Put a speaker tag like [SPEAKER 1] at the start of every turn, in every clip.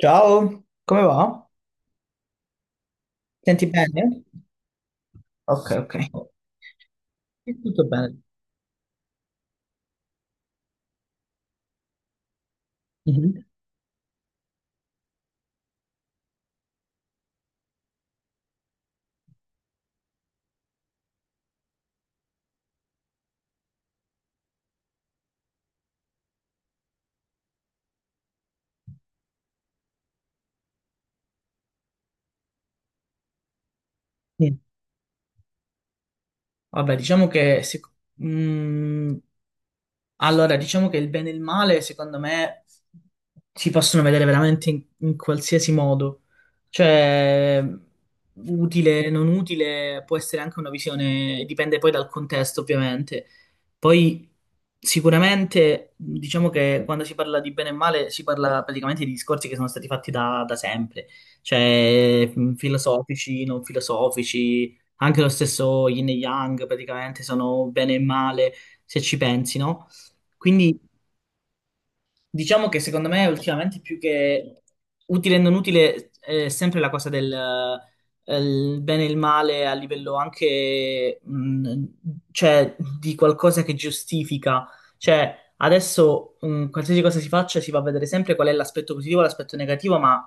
[SPEAKER 1] Ciao, come va? Senti bene? Ok, ok. Sì. Tutto bene. Mhm. Sì. Vabbè, diciamo che mm, allora, diciamo che il bene e il male, secondo me, si possono vedere veramente in qualsiasi modo. Cioè, utile, non utile, può essere anche una visione, dipende poi dal contesto, ovviamente. Poi, sicuramente, diciamo che quando si parla di bene e male, si parla praticamente di discorsi che sono stati fatti da sempre. Cioè, filosofici, non filosofici, anche lo stesso Yin e Yang, praticamente, sono bene e male, se ci pensi, no? Quindi diciamo che secondo me ultimamente più che utile e non utile è sempre la cosa del il bene e il male a livello anche cioè, di qualcosa che giustifica. Cioè adesso qualsiasi cosa si faccia si va a vedere sempre qual è l'aspetto positivo e l'aspetto negativo, ma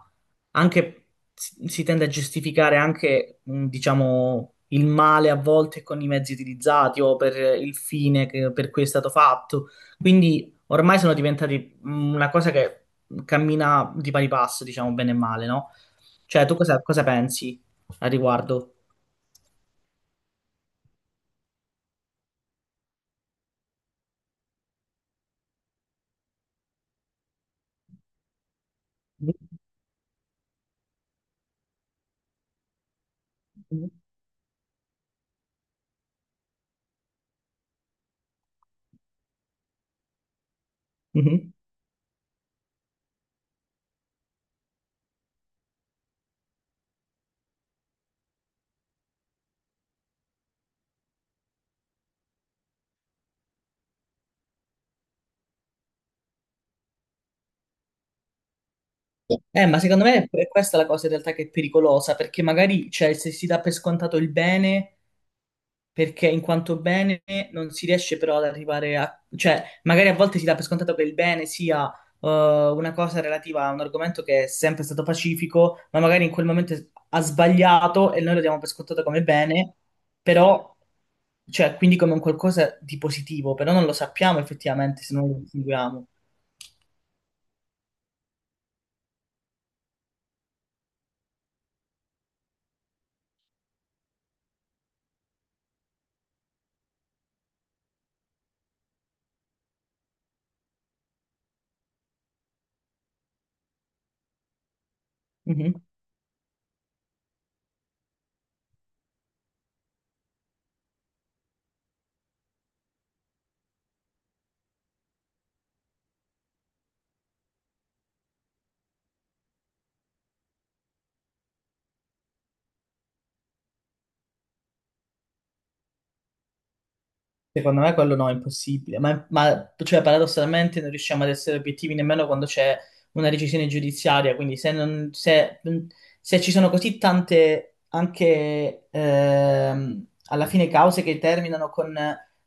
[SPEAKER 1] anche si tende a giustificare anche, diciamo, il male a volte con i mezzi utilizzati o per per cui è stato fatto. Quindi ormai sono diventati una cosa che cammina di pari passo, diciamo, bene e male, no? Cioè, cosa pensi al riguardo? Mhm. Ma secondo me è questa la cosa in realtà che è pericolosa, perché magari, cioè, se si dà per scontato il bene perché in quanto bene non si riesce però ad arrivare a... cioè magari a volte si dà per scontato che il bene sia eh, una cosa relativa a un argomento che è sempre stato pacifico, ma magari in quel momento ha sbagliato e noi lo diamo per scontato come bene, però, cioè, quindi come un qualcosa di positivo, però non lo sappiamo effettivamente se non lo distinguiamo. Secondo me quello no, è impossibile, ma, cioè, paradossalmente non riusciamo ad essere obiettivi nemmeno quando c'è una decisione giudiziaria, quindi se, non- se- se ci sono così tante anche alla fine cause che terminano con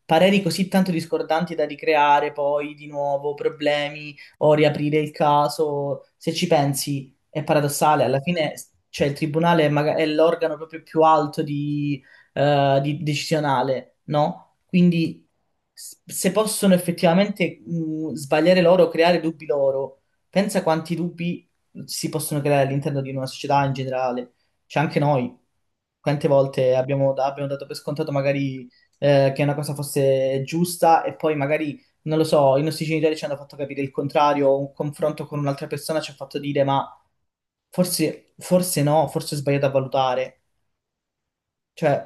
[SPEAKER 1] pareri così tanto discordanti da ricreare poi di nuovo problemi o riaprire il caso, se ci pensi è paradossale, alla fine cioè, il tribunale è è l'organo proprio più alto decisionale, no? Quindi se possono effettivamente sbagliare loro, creare dubbi loro, pensa quanti dubbi si possono creare all'interno di una società in generale. Cioè anche noi, quante volte abbiamo, abbiamo dato per scontato magari che una cosa fosse giusta e poi magari, non lo so, i nostri genitori ci hanno fatto capire il contrario, o un confronto con un'altra persona ci ha fatto dire ma forse no, forse ho sbagliato a valutare. Cioè,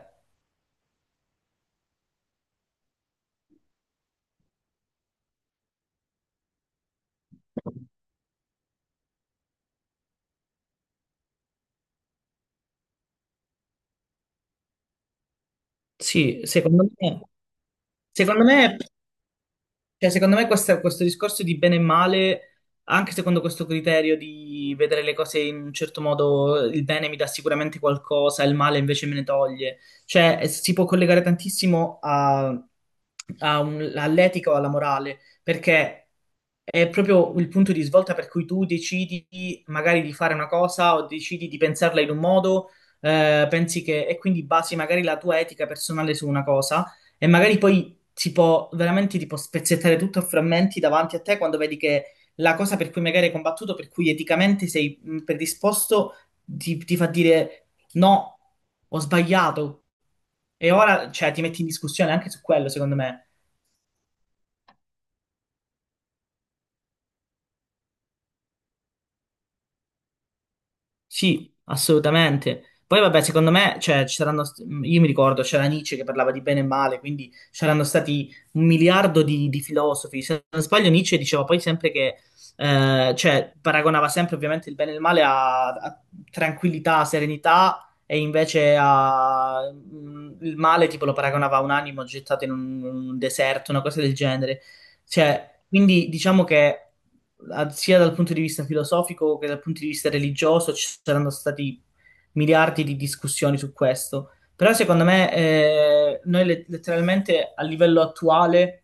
[SPEAKER 1] sì, secondo me, cioè, secondo me questo discorso di bene e male, anche secondo questo criterio di vedere le cose in un certo modo, il bene mi dà sicuramente qualcosa, il male invece me ne toglie. Cioè, si può collegare tantissimo all'etica o alla morale, perché è proprio il punto di svolta per cui tu decidi magari di fare una cosa o decidi di pensarla in un modo, pensi che, e quindi basi magari la tua etica personale su una cosa. E magari poi si può veramente tipo spezzettare tutto a frammenti davanti a te quando vedi che la cosa per cui magari hai combattuto, per cui eticamente sei predisposto, ti fa dire no, ho sbagliato. E ora, cioè, ti metti in discussione anche su quello, secondo me. Sì, assolutamente. Poi vabbè, secondo me, cioè, io mi ricordo, c'era Nietzsche che parlava di bene e male, quindi c'erano stati un miliardo di filosofi. Se non sbaglio, Nietzsche diceva poi sempre che, cioè, paragonava sempre ovviamente il bene e il male a tranquillità, serenità, e invece a, il male tipo lo paragonava a un animo gettato in un deserto, una cosa del genere. Cioè, quindi diciamo che sia dal punto di vista filosofico che dal punto di vista religioso ci saranno stati miliardi di discussioni su questo. Però secondo me letteralmente a livello attuale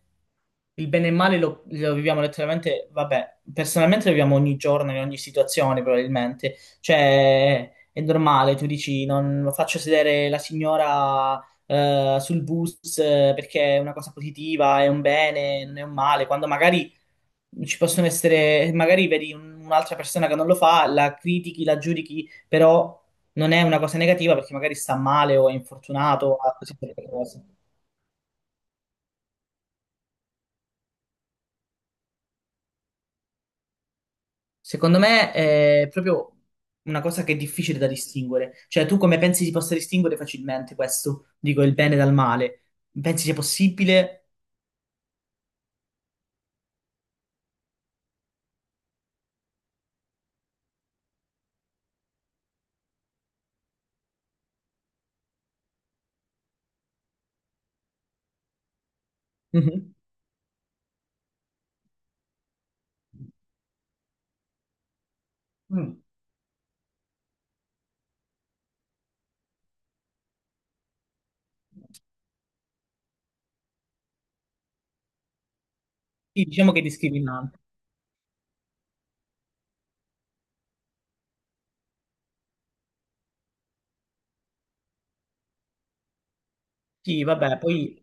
[SPEAKER 1] il bene e il male lo viviamo letteralmente, vabbè, personalmente lo viviamo ogni giorno, in ogni situazione probabilmente. Cioè, è normale, tu dici, non faccio sedere la signora sul bus perché è una cosa positiva, è un bene, non è un male, quando magari ci possono essere, magari vedi un'altra persona che non lo fa, la critichi, la giudichi, però non è una cosa negativa perché magari sta male o è infortunato, o ha così tante cose. Secondo me è proprio una cosa che è difficile da distinguere. Cioè, tu come pensi si possa distinguere facilmente questo? Dico il bene dal male. Pensi sia possibile? Mhm. Mm. Sì, diciamo che è discriminante. Sì, vabbè, poi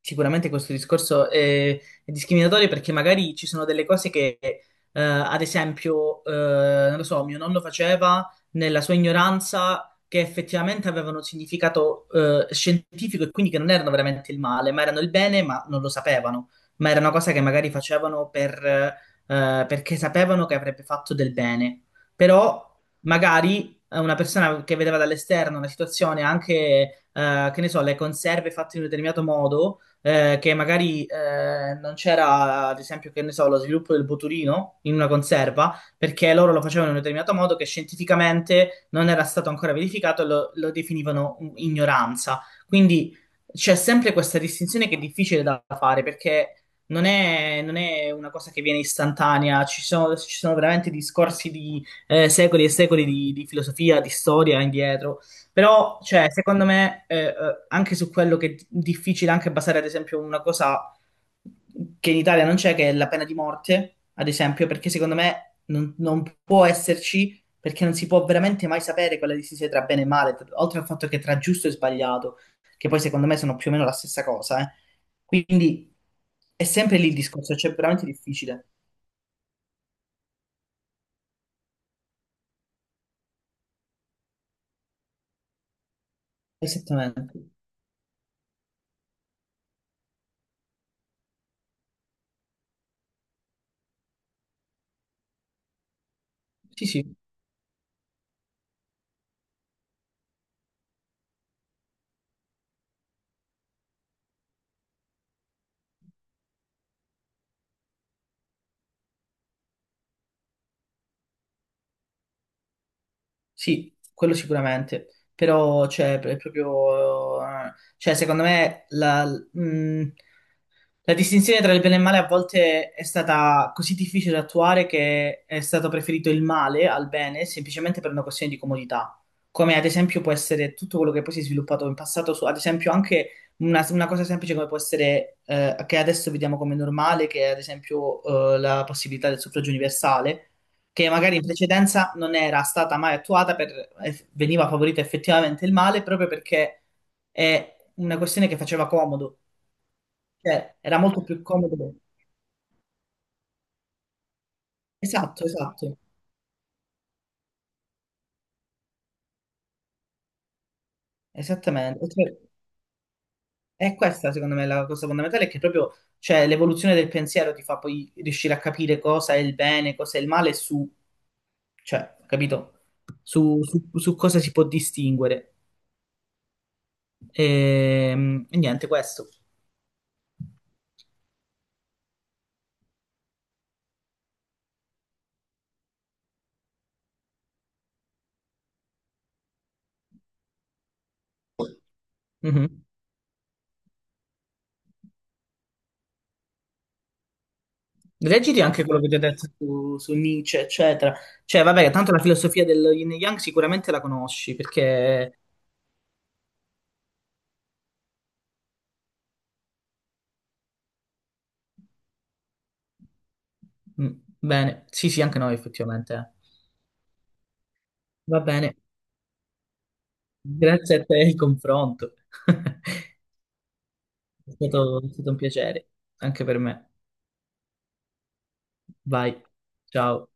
[SPEAKER 1] sicuramente questo discorso è discriminatorio perché magari ci sono delle cose che, ad esempio, non lo so, mio nonno faceva nella sua ignoranza che effettivamente avevano un significato, scientifico e quindi che non erano veramente il male, ma erano il bene, ma non lo sapevano. Ma era una cosa che magari facevano per, perché sapevano che avrebbe fatto del bene. Però magari una persona che vedeva dall'esterno una situazione, anche, che ne so, le conserve fatte in un determinato modo che magari non c'era, ad esempio, che ne so, lo sviluppo del botulino in una conserva, perché loro lo facevano in un determinato modo che scientificamente non era stato ancora verificato e lo definivano ignoranza. Quindi c'è sempre questa distinzione che è difficile da fare perché non è una cosa che viene istantanea, ci sono veramente discorsi di secoli e secoli di filosofia, di storia indietro. Però, cioè, secondo me, anche su quello che è difficile anche basare, ad esempio, una cosa che in Italia non c'è, che è la pena di morte, ad esempio, perché secondo me non può esserci, perché non si può veramente mai sapere quella distinzione tra bene e male, oltre al fatto che tra giusto e sbagliato, che poi secondo me sono più o meno la stessa cosa, eh. Quindi è sempre lì il discorso, cioè è veramente difficile. Esattamente. Sì, sì. Sì, quello sicuramente, però cioè, è proprio, cioè, mh, la distinzione tra il bene e il male a volte è stata così difficile da attuare che è stato preferito il male al bene semplicemente per una questione di comodità, come ad esempio può essere tutto quello che poi si è sviluppato in passato, su, ad esempio anche una cosa semplice come può essere, che adesso vediamo come normale, che è ad esempio, la possibilità del suffragio universale, che magari in precedenza non era stata mai attuata, per, veniva favorito effettivamente il male proprio perché è una questione che faceva comodo. Cioè, era molto più comodo. Esatto, esatto, esattamente. Cioè, è questa, secondo me, la cosa fondamentale, è che proprio, cioè, l'evoluzione del pensiero ti fa poi riuscire a capire cosa è il bene, cosa è il male, su, cioè, capito? Su cosa si può distinguere. E, niente, questo. Mhm. Leggiti anche quello che ti ho detto su Nietzsche, eccetera. Cioè, vabbè, tanto la filosofia del Yin e Yang sicuramente la conosci, perché... mm, bene, sì, sì, anche noi, effettivamente. Eh. Va bene. Grazie a te il confronto. È stato un piacere, anche per me. Vai, ciao.